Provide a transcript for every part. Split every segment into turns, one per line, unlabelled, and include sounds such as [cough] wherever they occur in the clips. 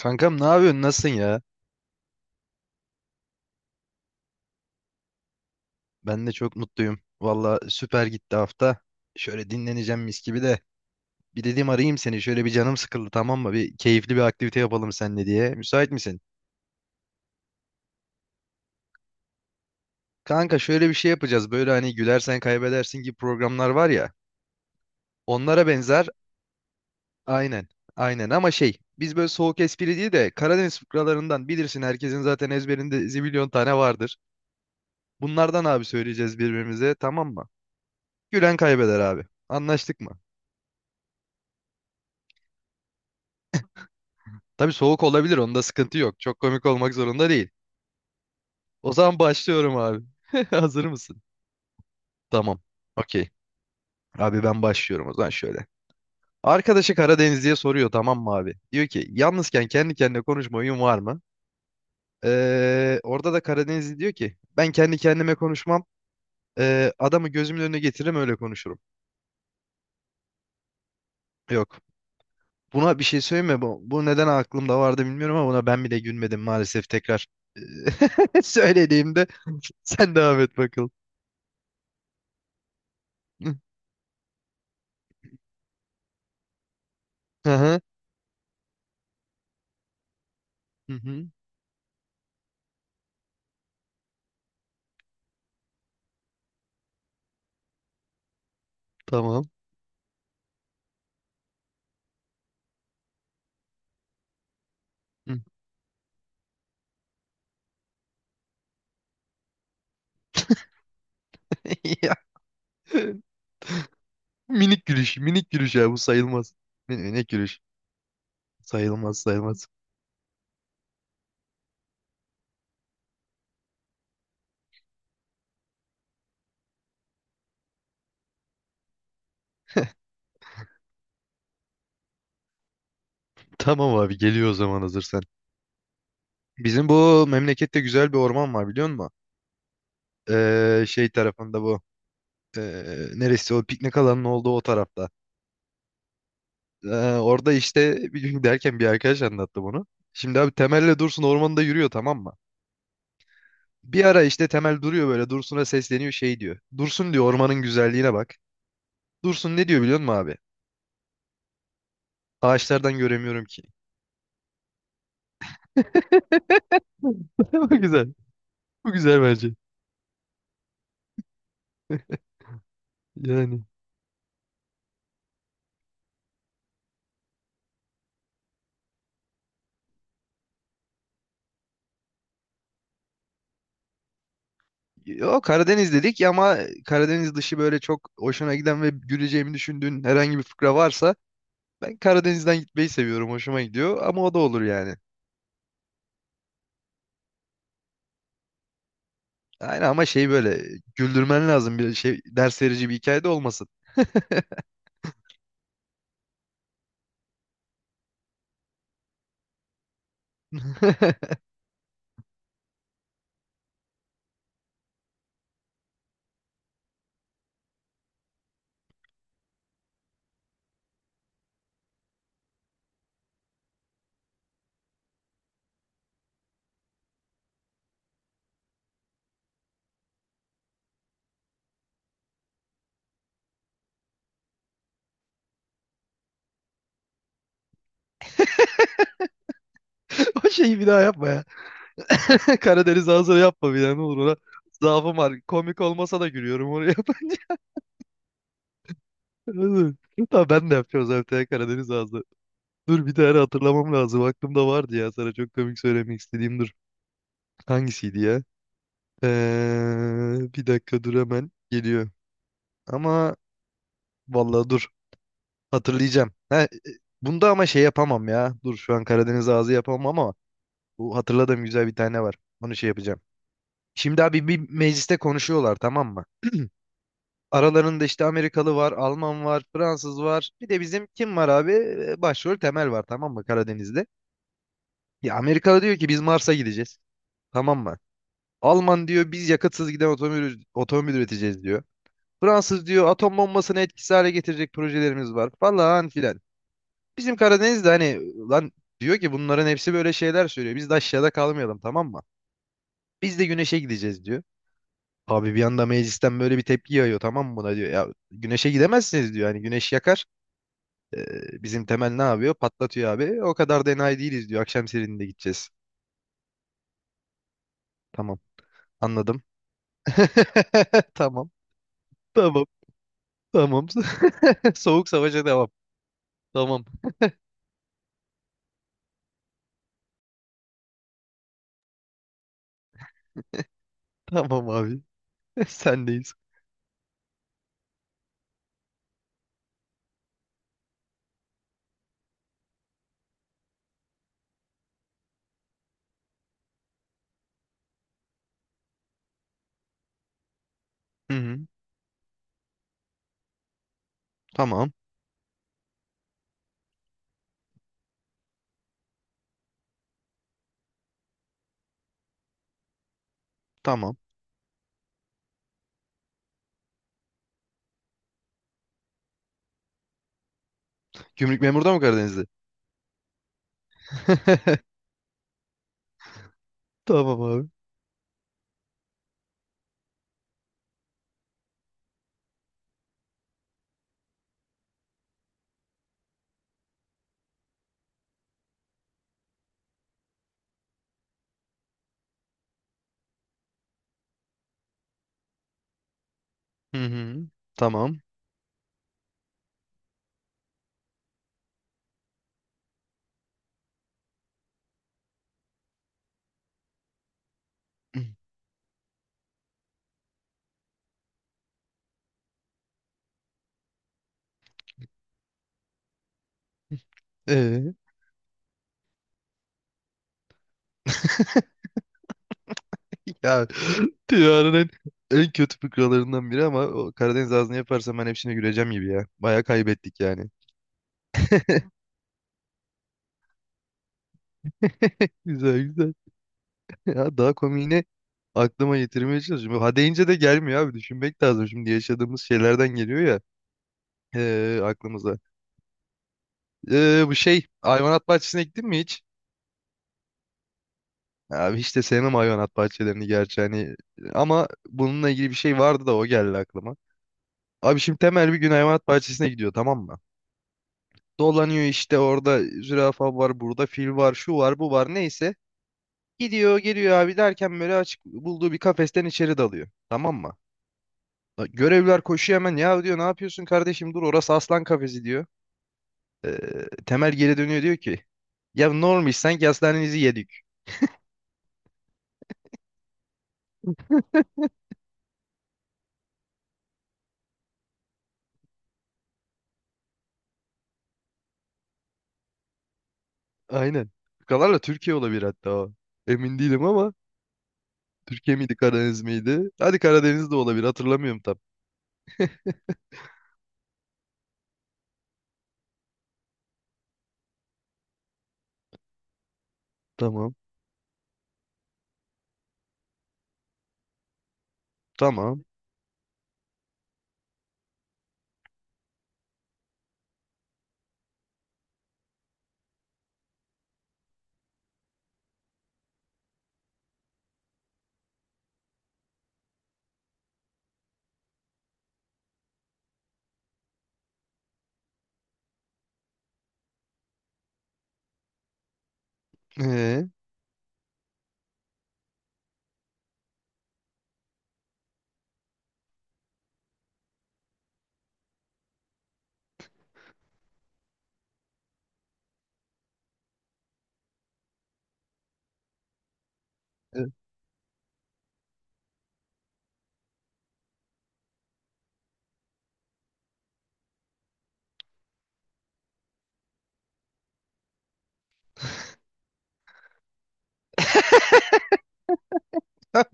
Kankam ne yapıyorsun? Nasılsın ya? Ben de çok mutluyum. Valla süper gitti hafta. Şöyle dinleneceğim mis gibi de. Bir dedim arayayım seni. Şöyle bir canım sıkıldı tamam mı? Bir keyifli bir aktivite yapalım seninle diye. Müsait misin? Kanka şöyle bir şey yapacağız. Böyle hani gülersen kaybedersin gibi programlar var ya. Onlara benzer. Aynen. Aynen ama şey. Biz böyle soğuk espri değil de Karadeniz fıkralarından bilirsin. Herkesin zaten ezberinde zibilyon tane vardır. Bunlardan abi söyleyeceğiz birbirimize tamam mı? Gülen kaybeder abi. Anlaştık mı? Tabii soğuk olabilir onda sıkıntı yok. Çok komik olmak zorunda değil. O zaman başlıyorum abi. [laughs] Hazır mısın? Tamam. Okey. Abi ben başlıyorum o zaman şöyle. Arkadaşı Karadenizli'ye soruyor tamam mı abi? Diyor ki yalnızken kendi kendine konuşma huyun var mı? Orada da Karadenizli diyor ki ben kendi kendime konuşmam. Adamı gözümün önüne getiririm öyle konuşurum. Yok. Buna bir şey söyleme. Bu neden aklımda vardı bilmiyorum ama buna ben bile gülmedim maalesef tekrar. [laughs] Söylediğimde sen devam et bakalım. [laughs] Hı hı. Tamam. Hı. [laughs] Ya, minik gülüş, minik gülüş ya bu sayılmaz. Ne gülüş? Sayılmaz, sayılmaz. Tamam abi geliyor o zaman hazırsan. Bizim bu memlekette güzel bir orman var biliyor musun? Şey tarafında bu. Ee, Neresi o piknik alanının olduğu o tarafta. Ee, Orada işte [laughs] bir gün derken bir arkadaş anlattı bunu. Şimdi abi Temel'le Dursun ormanda yürüyor tamam mı? Bir ara işte Temel duruyor böyle Dursun'a sesleniyor şey diyor. Dursun diyor ormanın güzelliğine bak. Dursun ne diyor biliyor musun abi? Ağaçlardan göremiyorum ki. [laughs] Bu güzel. Bu güzel bence. Yani. O Karadeniz dedik ya, ama Karadeniz dışı böyle çok hoşuna giden ve güleceğimi düşündüğün herhangi bir fıkra varsa ben Karadeniz'den gitmeyi seviyorum. Hoşuma gidiyor ama o da olur yani. Aynen ama şey böyle güldürmen lazım bir şey ders verici bir hikaye de olmasın. [laughs] O şeyi bir daha yapma ya. [laughs] Karadeniz ağzına yapma bir daha ne olur ona. Zaafım var. Komik olmasa da gülüyorum onu yapınca. [laughs] Tamam ben de yapacağım zaten Karadeniz ağzı. Dur bir tane hatırlamam lazım. Aklımda vardı ya. Sana çok komik söylemek istediğim dur. Hangisiydi ya? Bir dakika dur hemen. Geliyor. Ama vallahi dur. Hatırlayacağım. Bunda ama şey yapamam ya. Dur şu an Karadeniz ağzı yapamam ama bu hatırladığım güzel bir tane var. Onu şey yapacağım. Şimdi abi bir mecliste konuşuyorlar tamam mı? Aralarında işte Amerikalı var, Alman var, Fransız var. Bir de bizim kim var abi? Başrol Temel var tamam mı Karadeniz'de? Ya Amerikalı diyor ki biz Mars'a gideceğiz. Tamam mı? Alman diyor biz yakatsız giden otomobil üreteceğiz diyor. Fransız diyor atom bombasını etkisiz hale getirecek projelerimiz var falan filan. Bizim Karadeniz'de hani lan diyor ki bunların hepsi böyle şeyler söylüyor. Biz de aşağıda kalmayalım tamam mı? Biz de güneşe gideceğiz diyor. Abi bir anda meclisten böyle bir tepki yağıyor tamam mı buna diyor. Ya güneşe gidemezsiniz diyor. Hani güneş yakar. Bizim Temel ne yapıyor? Patlatıyor abi. O kadar da enayi değiliz diyor. Akşam serininde gideceğiz. Tamam anladım. [laughs] Tamam. Tamam. Tamam. [laughs] Soğuk savaşa devam. Tamam. Tamam abi. [laughs] Sendeyiz. Hı hı. Tamam. Tamam. Gümrük memuru da mı Karadeniz'de? [laughs] Tamam abi. Hı hı. Tamam. Ee, [laughs] ya dünyanın en kötü fıkralarından biri ama o Karadeniz ağzını yaparsam ben hepsine güleceğim gibi ya. Baya kaybettik yani. Güzel güzel. Ya daha komiğini aklıma getirmeye çalışıyorum. Ha deyince de gelmiyor abi. Düşünmek lazım. Şimdi yaşadığımız şeylerden geliyor ya. Aklımıza. Bu şey hayvanat bahçesine gittin mi hiç? Abi hiç de sevmem hayvanat bahçelerini gerçi hani ama bununla ilgili bir şey vardı da o geldi aklıma. Abi şimdi Temel bir gün hayvanat bahçesine gidiyor tamam mı? Dolanıyor işte orada zürafa var burada fil var şu var bu var neyse. Gidiyor geliyor abi derken böyle açık bulduğu bir kafesten içeri dalıyor tamam mı? Görevliler koşuyor hemen ya diyor ne yapıyorsun kardeşim dur orası aslan kafesi diyor. Ee, Temel geri dönüyor diyor ki ya normal sanki aslanınızı yedik. Aynen. Kalarla Türkiye olabilir hatta o. Emin değilim ama Türkiye miydi Karadeniz miydi? Hadi Karadeniz de olabilir hatırlamıyorum tam. Tamam. Tamam. Ee, [laughs]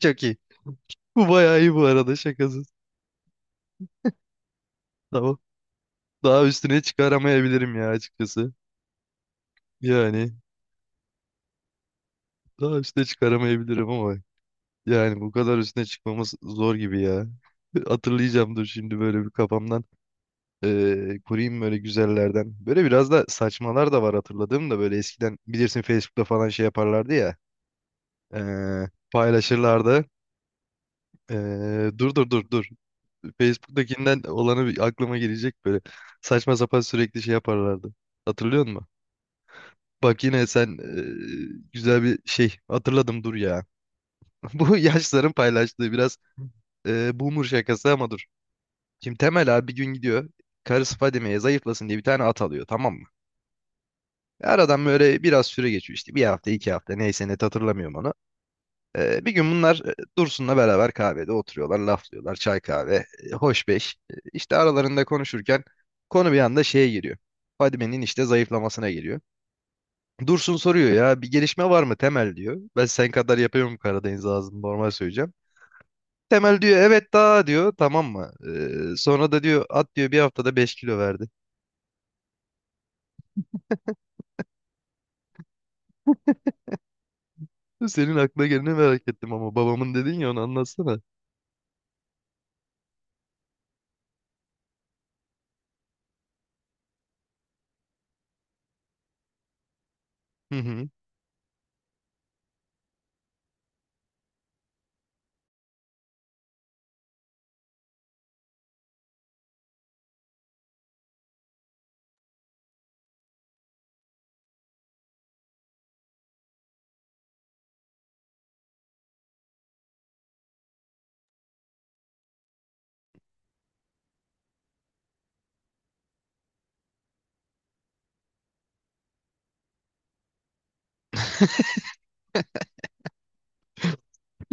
çok iyi. Bu bayağı iyi bu arada şakasız. Tamam. Daha üstüne çıkaramayabilirim ya açıkçası. Yani daha üstüne çıkaramayabilirim ama yani bu kadar üstüne çıkmamız zor gibi ya. [laughs] Hatırlayacağım dur şimdi böyle bir kafamdan kurayım böyle güzellerden. Böyle biraz da saçmalar da var hatırladığım da böyle eskiden bilirsin Facebook'ta falan şey yaparlardı ya. Paylaşırlardı. Dur, dur, dur, dur. Facebook'takinden olanı bir aklıma gelecek böyle. Saçma sapan sürekli şey yaparlardı. Hatırlıyor musun? Bak yine sen güzel bir şey hatırladım dur ya. [laughs] Bu yaşların paylaştığı biraz boomer şakası ama dur. Şimdi Temel abi bir gün gidiyor. Karısı Fadime'ye zayıflasın diye bir tane at alıyor tamam mı? Aradan böyle biraz süre geçiyor işte. Bir hafta iki hafta neyse net hatırlamıyorum onu. Bir gün bunlar Dursun'la beraber kahvede oturuyorlar, laflıyorlar, çay kahve, hoş beş. E, İşte aralarında konuşurken konu bir anda şeye giriyor. Fadime'nin işte zayıflamasına geliyor. Dursun soruyor ya bir gelişme var mı Temel diyor. Ben sen kadar yapıyorum Karadeniz ağzını normal söyleyeceğim. Temel diyor evet daha diyor tamam mı? Sonra da diyor at diyor bir haftada 5 kilo verdi. Senin aklına geleni merak ettim ama babamın dedin ya onu anlatsana. Hı hı.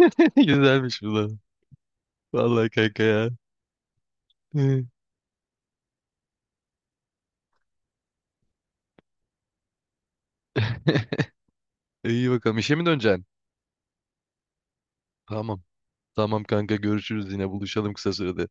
[laughs] Güzelmiş bu da. Vallahi kanka ya. [laughs] Hı. İyi bakalım işe mi döneceksin? Tamam. Tamam kanka görüşürüz yine buluşalım kısa sürede.